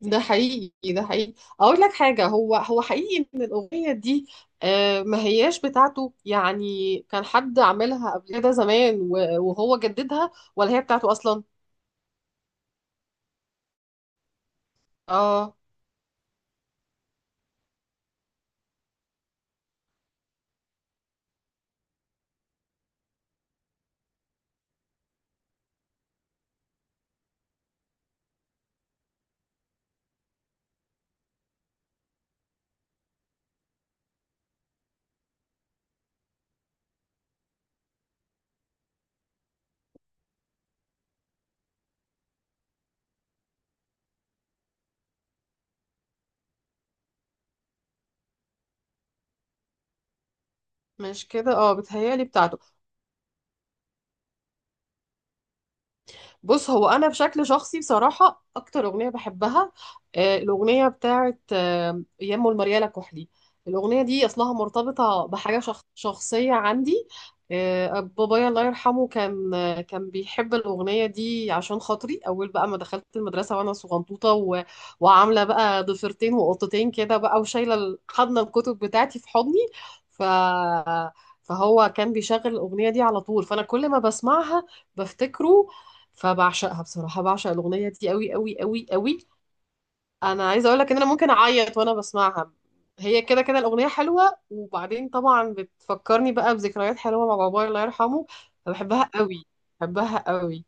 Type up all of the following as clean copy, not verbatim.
ده حقيقي، ده حقيقي. اقول لك حاجه، هو حقيقي ان الاغنيه دي، ما هياش بتاعته. يعني كان حد عاملها قبل كده زمان و- وهو جددها، ولا هي بتاعته اصلا؟ اه، مش كده، اه، بتهيالي بتاعته. بص، هو انا بشكل شخصي بصراحه اكتر اغنيه بحبها الاغنيه بتاعت يمو المريالة كحلي. الاغنيه دي اصلها مرتبطه بحاجه شخصيه عندي. بابايا الله يرحمه كان، كان بيحب الاغنيه دي عشان خاطري. اول بقى ما دخلت المدرسه وانا صغنطوطه وعامله بقى ضفيرتين وقطتين كده بقى، وشايله حضن الكتب بتاعتي في حضني، ف فهو كان بيشغل الاغنيه دي على طول، فانا كل ما بسمعها بفتكره. فبعشقها بصراحة، بعشق الأغنية دي قوي قوي قوي قوي. أنا عايزة أقول لك إن أنا ممكن أعيط وأنا بسمعها. هي كده كده الأغنية حلوة، وبعدين طبعا بتفكرني بقى بذكريات حلوة مع بابايا الله يرحمه. فبحبها قوي، بحبها قوي.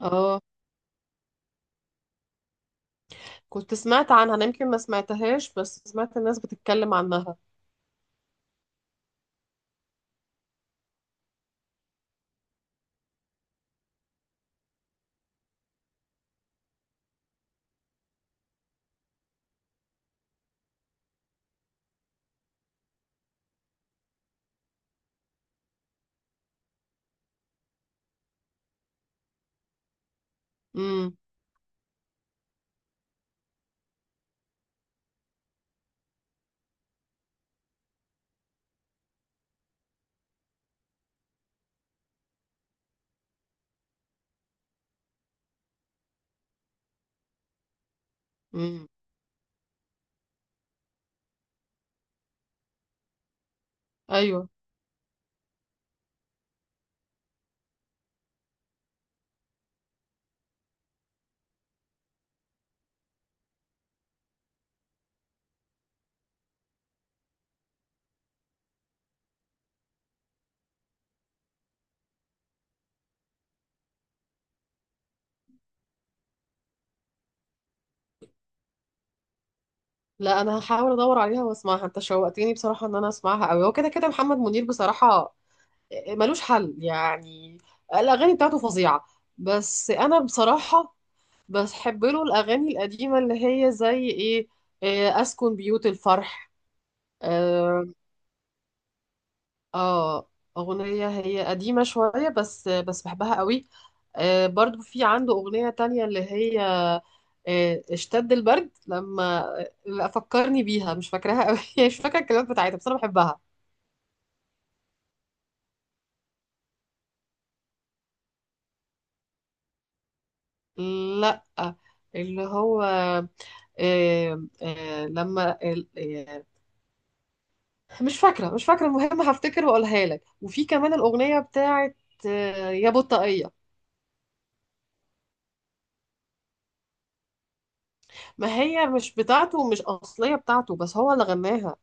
اه، كنت سمعت عنها أنا، يمكن ما سمعتهاش، بس سمعت الناس بتتكلم عنها. امم. امم. أيوه. لا، أنا هحاول أدور عليها وأسمعها. أنت شوقتني بصراحة إن أنا أسمعها قوي. هو كده كده محمد منير بصراحة ملوش حل يعني. الأغاني بتاعته فظيعة. بس أنا بصراحة بحب له الأغاني القديمة اللي هي زي إيه، إيه، أسكن بيوت الفرح. آه, آه. أغنية هي قديمة شوية، بس بحبها قوي. آه، برضو في عنده أغنية تانية اللي هي، آه، اشتد البرد لما. لا، فكرني بيها مش فاكراها قوي. مش فاكرة الكلمات بتاعتها، بس أنا بحبها. لا، اللي هو، لما، مش فاكرة، مش فاكرة. المهم هفتكر واقولها لك. وفي كمان الأغنية بتاعت يا بطاقية. ما هي مش بتاعته، ومش أصلية بتاعته، بس هو اللي غناها.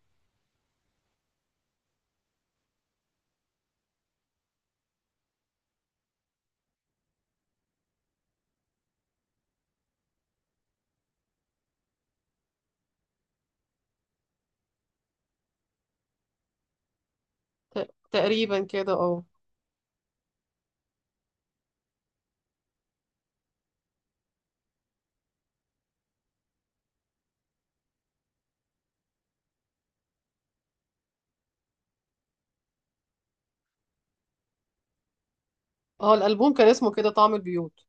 تقريبا كده، اه. اه، الألبوم كان اسمه كده، طعم البيوت.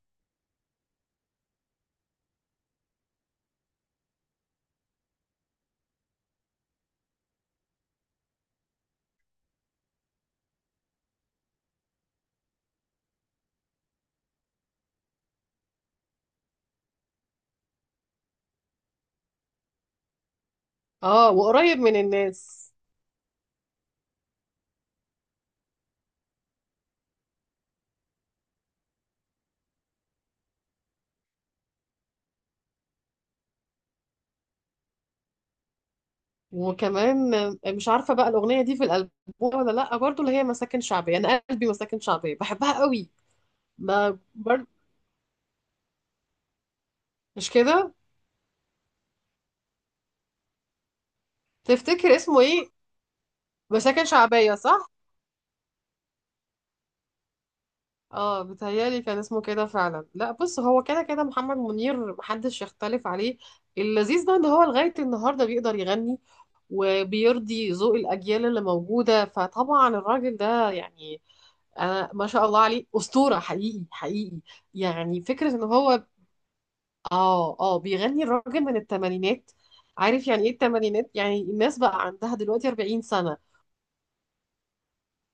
اه، وقريب من الناس. وكمان، آه، مش عارفة بقى الأغنية دي في الألبوم ولا لأ، برضو اللي هي مساكن شعبية. أنا قلبي مساكن شعبية بحبها قوي. ما برضو مش كده؟ تفتكر اسمه ايه؟ مساكن شعبية، صح. اه، بتهيألي كان اسمه كده فعلا. لا، بص، هو كده كده محمد منير محدش يختلف عليه. اللذيذ بقى ان هو لغاية النهاردة بيقدر يغني وبيرضي ذوق الأجيال اللي موجودة. فطبعا الراجل ده يعني، أنا ما شاء الله عليه، أسطورة حقيقي حقيقي. يعني فكرة إن هو، آه، آه، بيغني الراجل من التمانينات. عارف يعني إيه التمانينات؟ يعني الناس بقى عندها دلوقتي 40 سنة.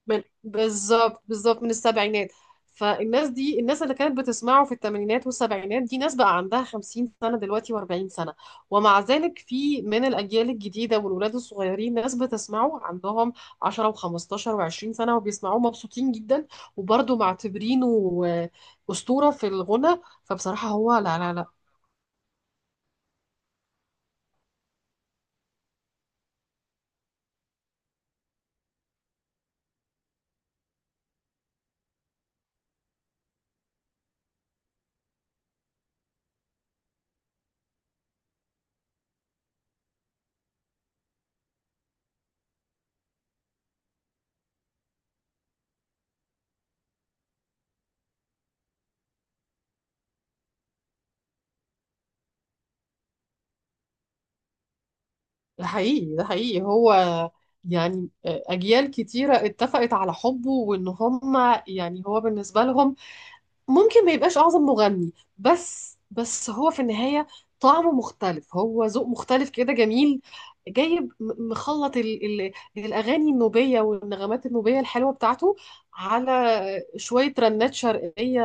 من بالظبط بالظبط من السبعينات. فالناس دي، الناس اللي كانت بتسمعه في الثمانينات والسبعينات، دي ناس بقى عندها 50 سنة دلوقتي و40 سنة. ومع ذلك في من الأجيال الجديدة والولاد الصغيرين ناس بتسمعه عندهم 10 و15 و20 سنة، وبيسمعوه مبسوطين جدا، وبرضه معتبرينه أسطورة في الغنى. فبصراحة هو، لا لا لا. ده حقيقي، ده حقيقي. هو يعني، آه، أجيال كتيرة اتفقت على حبه. وإن هم يعني، هو بالنسبة لهم ممكن ما يبقاش أعظم مغني، بس بس هو في النهاية طعمه مختلف، هو ذوق مختلف كده جميل. جايب مخلط ال الأغاني النوبية والنغمات النوبية الحلوة بتاعته على شوية رنات شرقية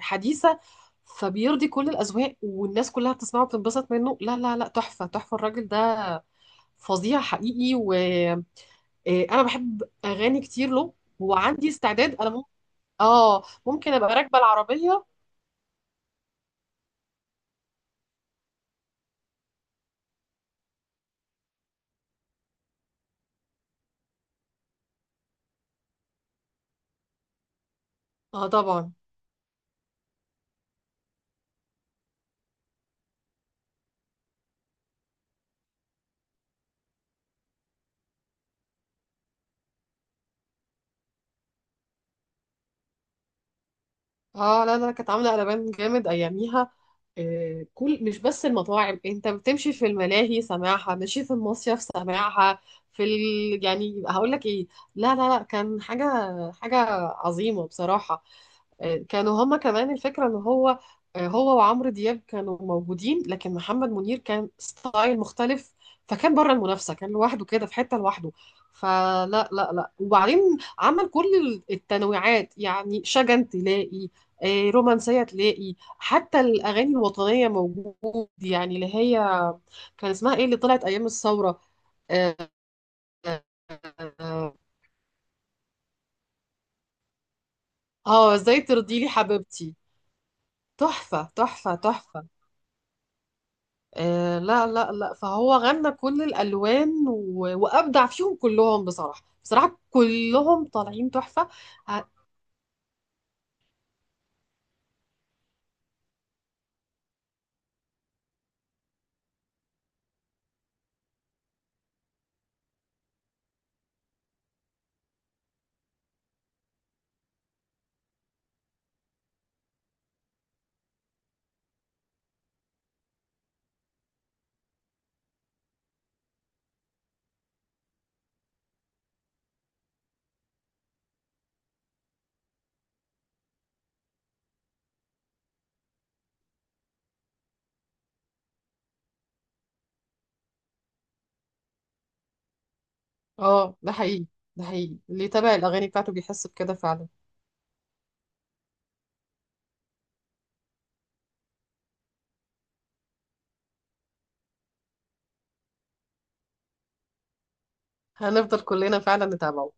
حديثة. فبيرضي كل الأذواق، والناس كلها بتسمعه وبتنبسط منه. لا لا لا، تحفة تحفة الراجل ده، فظيع حقيقي. وأنا بحب أغاني كتير له، وعندي استعداد، أنا ممكن، آه، ممكن أبقى راكبة العربية. اه طبعا. اه لا لا، كانت عامله قلبان جامد اياميها. آه، كل مش بس المطاعم، انت بتمشي في الملاهي سماعها، ماشي في المصيف سماعها، في ال... يعني هقول لك ايه، لا لا لا، كان حاجه حاجه عظيمه بصراحه. كانوا هما كمان. الفكرة ان هو، هو وعمرو دياب كانوا موجودين، لكن محمد منير كان ستايل مختلف. فكان بره المنافسة، كان لوحده كده في حتة لوحده. فلا لا لا، وبعدين عمل كل التنويعات. يعني شجن تلاقي، رومانسية تلاقي، حتى الأغاني الوطنية موجود. يعني اللي هي كان اسمها ايه اللي طلعت أيام الثورة؟ اه، آه، آه، ازاي ترضي لي حبيبتي. تحفة تحفة تحفة. آه لا لا لا، فهو غنى كل الألوان، و... وأبدع فيهم كلهم، بصراحة بصراحة كلهم طالعين تحفة. ه- اه، ده حقيقي ده حقيقي. اللي يتابع الأغاني بتاعته بيحس بكده فعلا. هنفضل كلنا فعلا نتابعه.